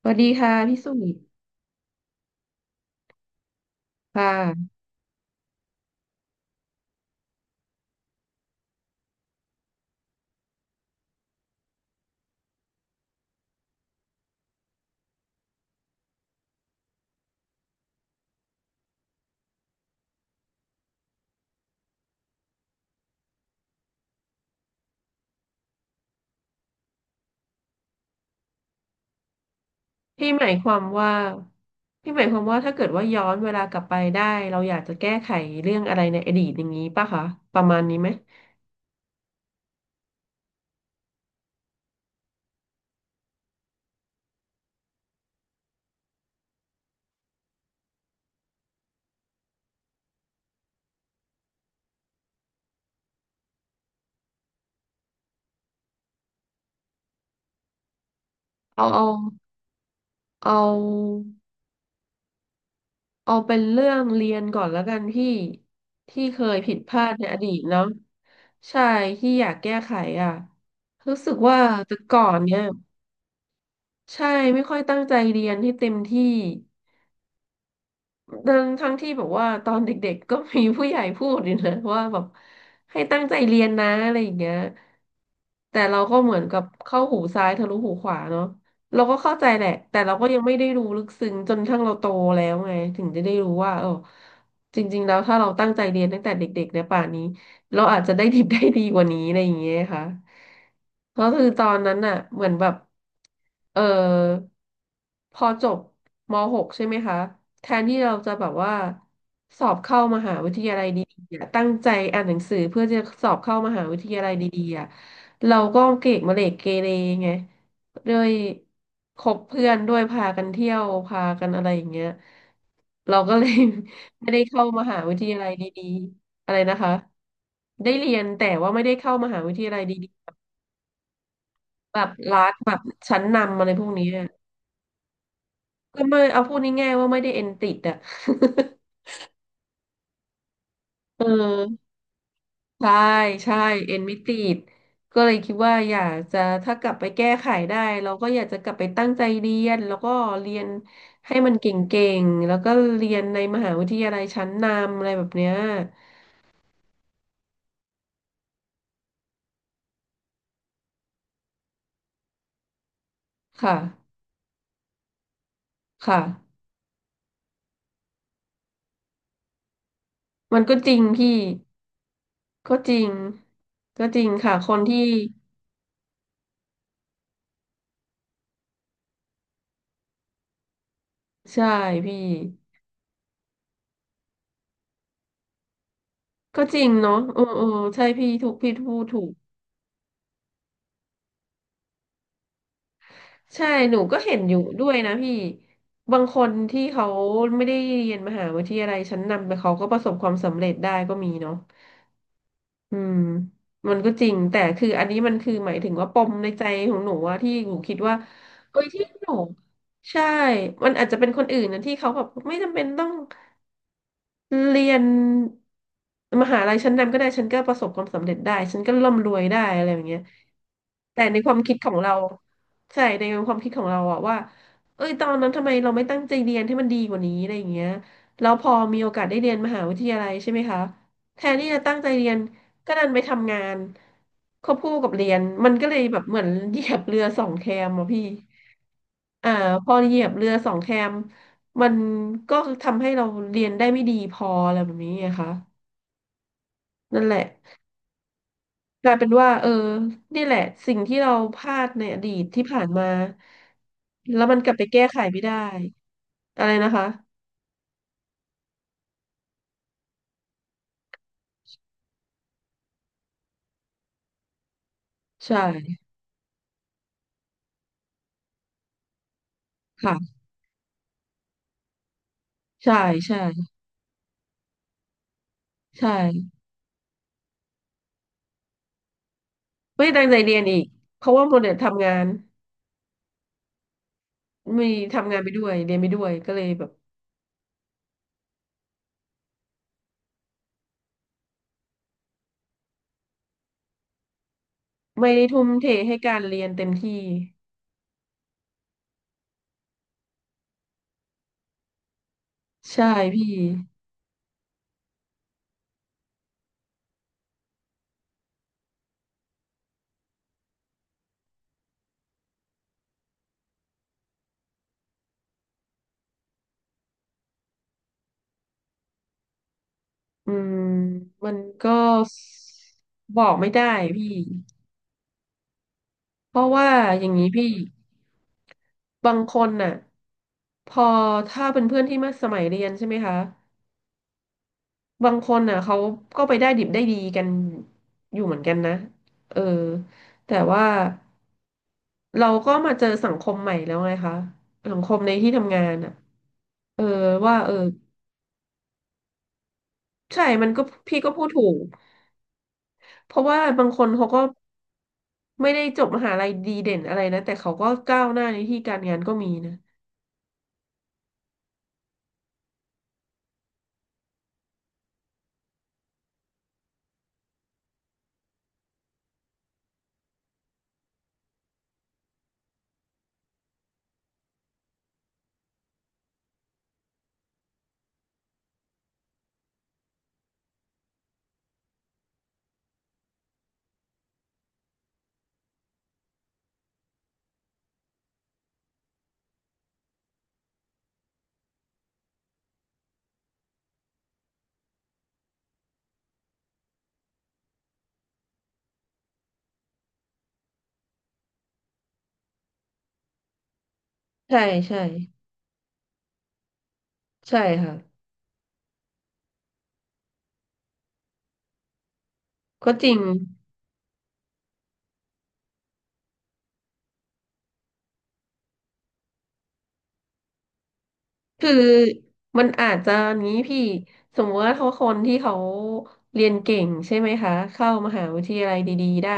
สวัสดีค่ะพี่สุนิทค่ะพี่หมายความว่าพี่หมายความว่าถ้าเกิดว่าย้อนเวลากลับไปได้เราอยากจะแก้ไขเรื่องอะไรในอดีตอย่างนี้ป่ะคะประมาณนี้ไหมเอาเอาเอาเอาเป็นเรื่องเรียนก่อนแล้วกันพี่ที่เคยผิดพลาดในอดีตเนาะใช่ที่อยากแก้ไขอ่ะรู้สึกว่าแต่ก่อนเนี่ยใช่ไม่ค่อยตั้งใจเรียนให้เต็มที่ ทั้งที่แบบว่าตอนเด็กๆก็มีผู้ใหญ่พูดอยู่นะ ว่าแบบให้ตั้งใจเรียนนะอะไรอย่างเงี้ยแต่เราก็เหมือนกับเข้าหูซ้ายทะลุหูขวาเนาะเราก็เข้าใจแหละแต่เราก็ยังไม่ได้รู้ลึกซึ้งจนทั้งเราโตแล้วไงถึงจะได้รู้ว่าเออจริงๆแล้วถ้าเราตั้งใจเรียนตั้งแต่เด็กๆเนี่ยป่านนี้เราอาจจะได้ดิบได้ดีกว่านี้อะไรอย่างเงี้ยค่ะก็คือตอนนั้นน่ะเหมือนแบบเออ พอจบม .6 ใช่ไหมคะแทนที่เราจะแบบว่าสอบเข้ามหาวิทยาลัยดีๆอะตั้งใจอ่านหนังสือเพื่อจะสอบเข้ามหาวิทยาลัยดีๆอะเราก็เกรดมะเหลกเกเรไงด้วยคบเพื่อนด้วยพากันเที่ยวพากันอะไรอย่างเงี้ยเราก็เลย ไม่ได้เข้ามหาวิทยาลัยดีๆอะไรนะคะได้เรียนแต่ว่าไม่ได้เข้ามหาวิทยาลัยดีๆแบบรัฐแบบชั้นนำอะไรพวกนี้ ก็ไม่เอาพูดง่ายๆว่าไม่ได้เอ็นติดอ่ะ เออใช่ใช่เอ็นไม่ติดก็เลยคิดว่าอยากจะถ้ากลับไปแก้ไขได้เราก็อยากจะกลับไปตั้งใจเรียนแล้วก็เรียนให้มันเก่งๆแล้วก็เรียนในมหาวิทยาลัยชั้นนำอะไรแบบเนี้ยค่ะค่ะมันก็จริงพี่ก็จริงก็จริงค่ะคนที่ใช่พี่ก็จริงเนาะเออเออใช่พี่ถูกพี่พูดถูก ใช่ หนูก็เห็นอยู่ด้วยนะพี่ บางคนที่เขาไม่ได้เรียนมหาวิทยาลัยชั้นนำไปเขาก็ประสบความสำเร็จได้ก็มีเนาะอืมมันก็จริง แต่คืออันนี้มันคือหมายถึงว่าปมในใจของหนูว่าที่หนูคิดว่าเอ้ยที่หนู ใช่ มันอาจจะเป็นคนอื่นนะที่เขาแบบไม่จำเป็นต้อง เรียนมหาลัยชั้นนำก็ได้ฉันก็ประสบความสำเร็จได้ฉันก็ร่ำรวยได้อะไรอย่างเงี้ยแต่ในความคิดของเราใช่ในความคิดของเราอะว่าเอ้ยตอนนั้นทำไมเราไม่ตั้งใจเรียนให้มันดีกว่านี้อะไรอย่างเงี้ยแล้วพอมีโอกาสได้เรียนมหาวิทยาลัยใช่ไหมคะแทนที่จะตั้งใจเรียนก็ดันไปทำงานควบคู่กับเรียนมันก็เลยแบบเหมือนเหยียบเรือสองแคมอะพี่อ่าพอเหยียบเรือสองแคม มันก็ทำให้เราเรียนได้ไม่ดีพออะไรแบบนี้ไงคะนั่นแหละกลายเป็นว่าเออนี่แหละสิ่งที่เราพลาดในอดีตที่ผ่านมาแล้วมันกลับไปแก้ไขไม่ได้อะไรนะคะใช่ค่ะใช่ใช่ใช่ไม่ตั้งใจเรียนอีกเพราะว่าโมเดลทำงานมีทำงานไปด้วยเรียนไปด้วยก็เลยแบบไม่ได้ทุ่มเทให้การเรียนเต็มที่ใช่พี่อืมมันก็บอกไม่ได้พี่ เพราะว่าอย่างนี้พี่บางคนน่ะพอถ้าเป็นเพื่อนที่มาสมัยเรียนใช่ไหมคะบางคนน่ะเขาก็ไปได้ดิบได้ดีกันอยู่เหมือนกันนะเออแต่ว่าเราก็มาเจอสังคมใหม่แล้วไงคะสังคมในที่ทำงานน่ะเออว่าเออใช่มันก็พี่ก็พูดถูกเพราะว่าบางคนเขาก็ไม่ได้จบมหาลัยดีเด่นอะไรนะแต่เขาก็ก้าวหน้าในที่การงานก็มีนะใช่ใช่ใช่ค่ะก็จริง คือมันอาจจะนี้พี่สมมติว่าเขาคนที่เขาเรียนเก่งใช่ไหมคะเข้ามหาวิทยาลัยดีๆได้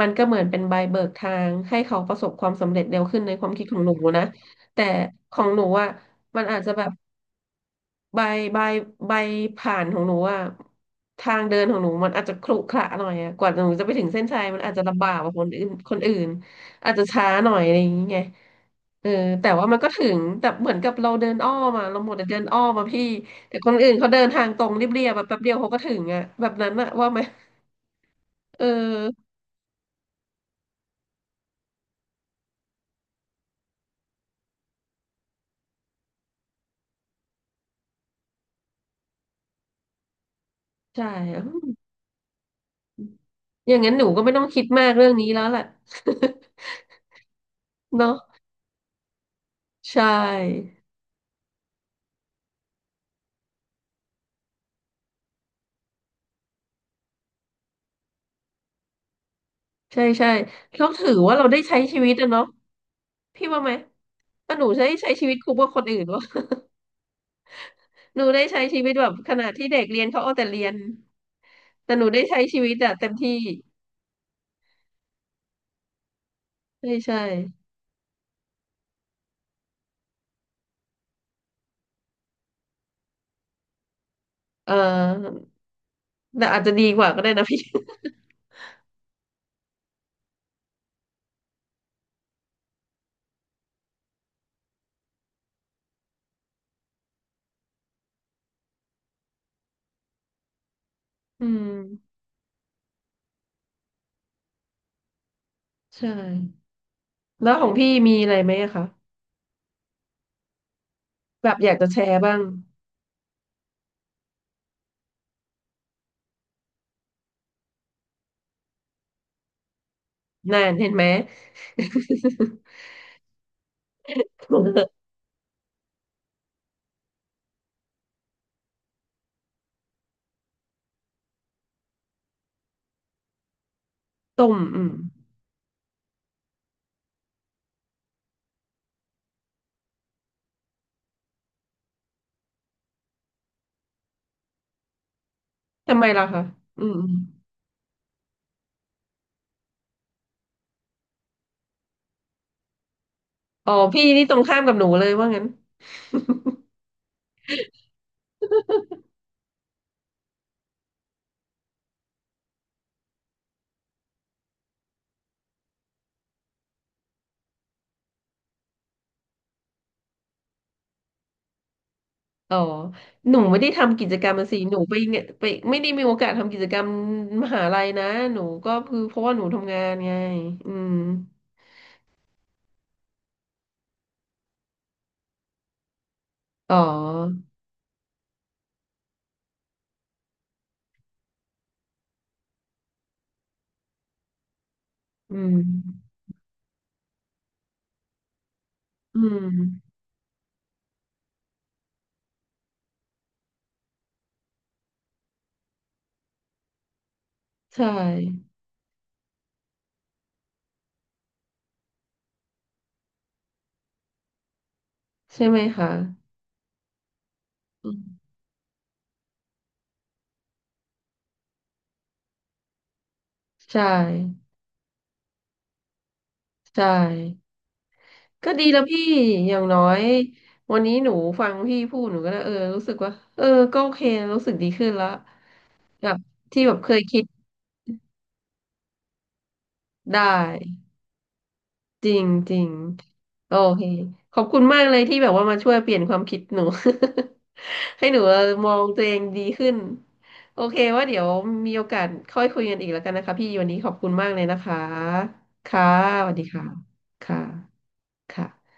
มันก็เหมือนเป็นใบเบิกทางให้เขาประสบความสำเร็จเร็วขึ้นในความคิดของหนูนะแต่ของหนูอ่ะมันอาจจะแบบใบใบใบผ่านของหนูอ่ะทางเดินของหนูมันอาจจะขรุขระหน่อยอ่ะกว่าหนูจะไปถึงเส้นชัยมันอาจจะลำบากกว่าคนอื่นคนอื่นอาจจะช้าหน่อยอะไรอย่างเงี้ย เออแต่ว่ามันก็ถึงแต่เหมือนกับเราเดินอ้อมอะเราหมดแต่เดินอ้อมอะพี่แต่คนอื่นเขาเดินทางตรงเรียบๆแบบแป๊บเดียวเขาก็ถึงอะแบบนั้นอะว่าไหมเออใช่อะอืมอย่างนั้นหนูก็ไม่ต้องคิดมากเรื่องนี้แล้วแหละ เนาะใช่ใช่ใช่แล้วถือว่าเราได้ใช้ชีวิตอะเนาะพี่ว่าไหมแต่หนูใช้ชีวิตคุ้มกว่าคนอื่นวะ หนูได้ใช้ชีวิตแบบขณะที่เด็กเรียนเขาเอาแต่เรียนแต่หนูได้ใช้ชีวิตอะเต็มที่ใช่ใช่เออ แต่อาจจะดีกว่าก็ได้นะพี่ อืมใช่แล้วของพี่มีอะไรไหมอะคะแบบอยากจะแชร์บ้างนานเห็นไหม ต้มอืมทำไมล่ะคะอืมอมอ๋อพี่นี่ตรงข้ามกับหนูเลยว่างั้นอ๋อหนูไม่ได้ทำกิจกรรมอะสิหนูไปเนี่ยไปไม่ได้มีโอกาสทำกิจกรรมมหาลัยนะหนูก็คือเพราะว่าหนูทำงานไงอืมอ๋ออืมอืมใช่ใช่ไหมคะอืมใช่ ใช่ก็ดีแล้วพี่อย่างน้อยวันนี้หนูฟังพี่พูดหนูก็เออรู้สึกว่าเออก็โอเครู้สึกดีขึ้นแล้วแบบที่แบบเคยคิดได้จริงจริงโอเคขอบคุณมากเลยที่แบบว่ามาช่วยเปลี่ยนความคิดหนู ให้หนูเออมองตัวเองดีขึ้นโอเคว่าเดี๋ยวมีโอกาสค่อยคุยกันอีกแล้วกันนะคะพี่วันนี้ขอบคุณมากเลยนะคะค่ะสวัสดีค่ะค่ะค่ะ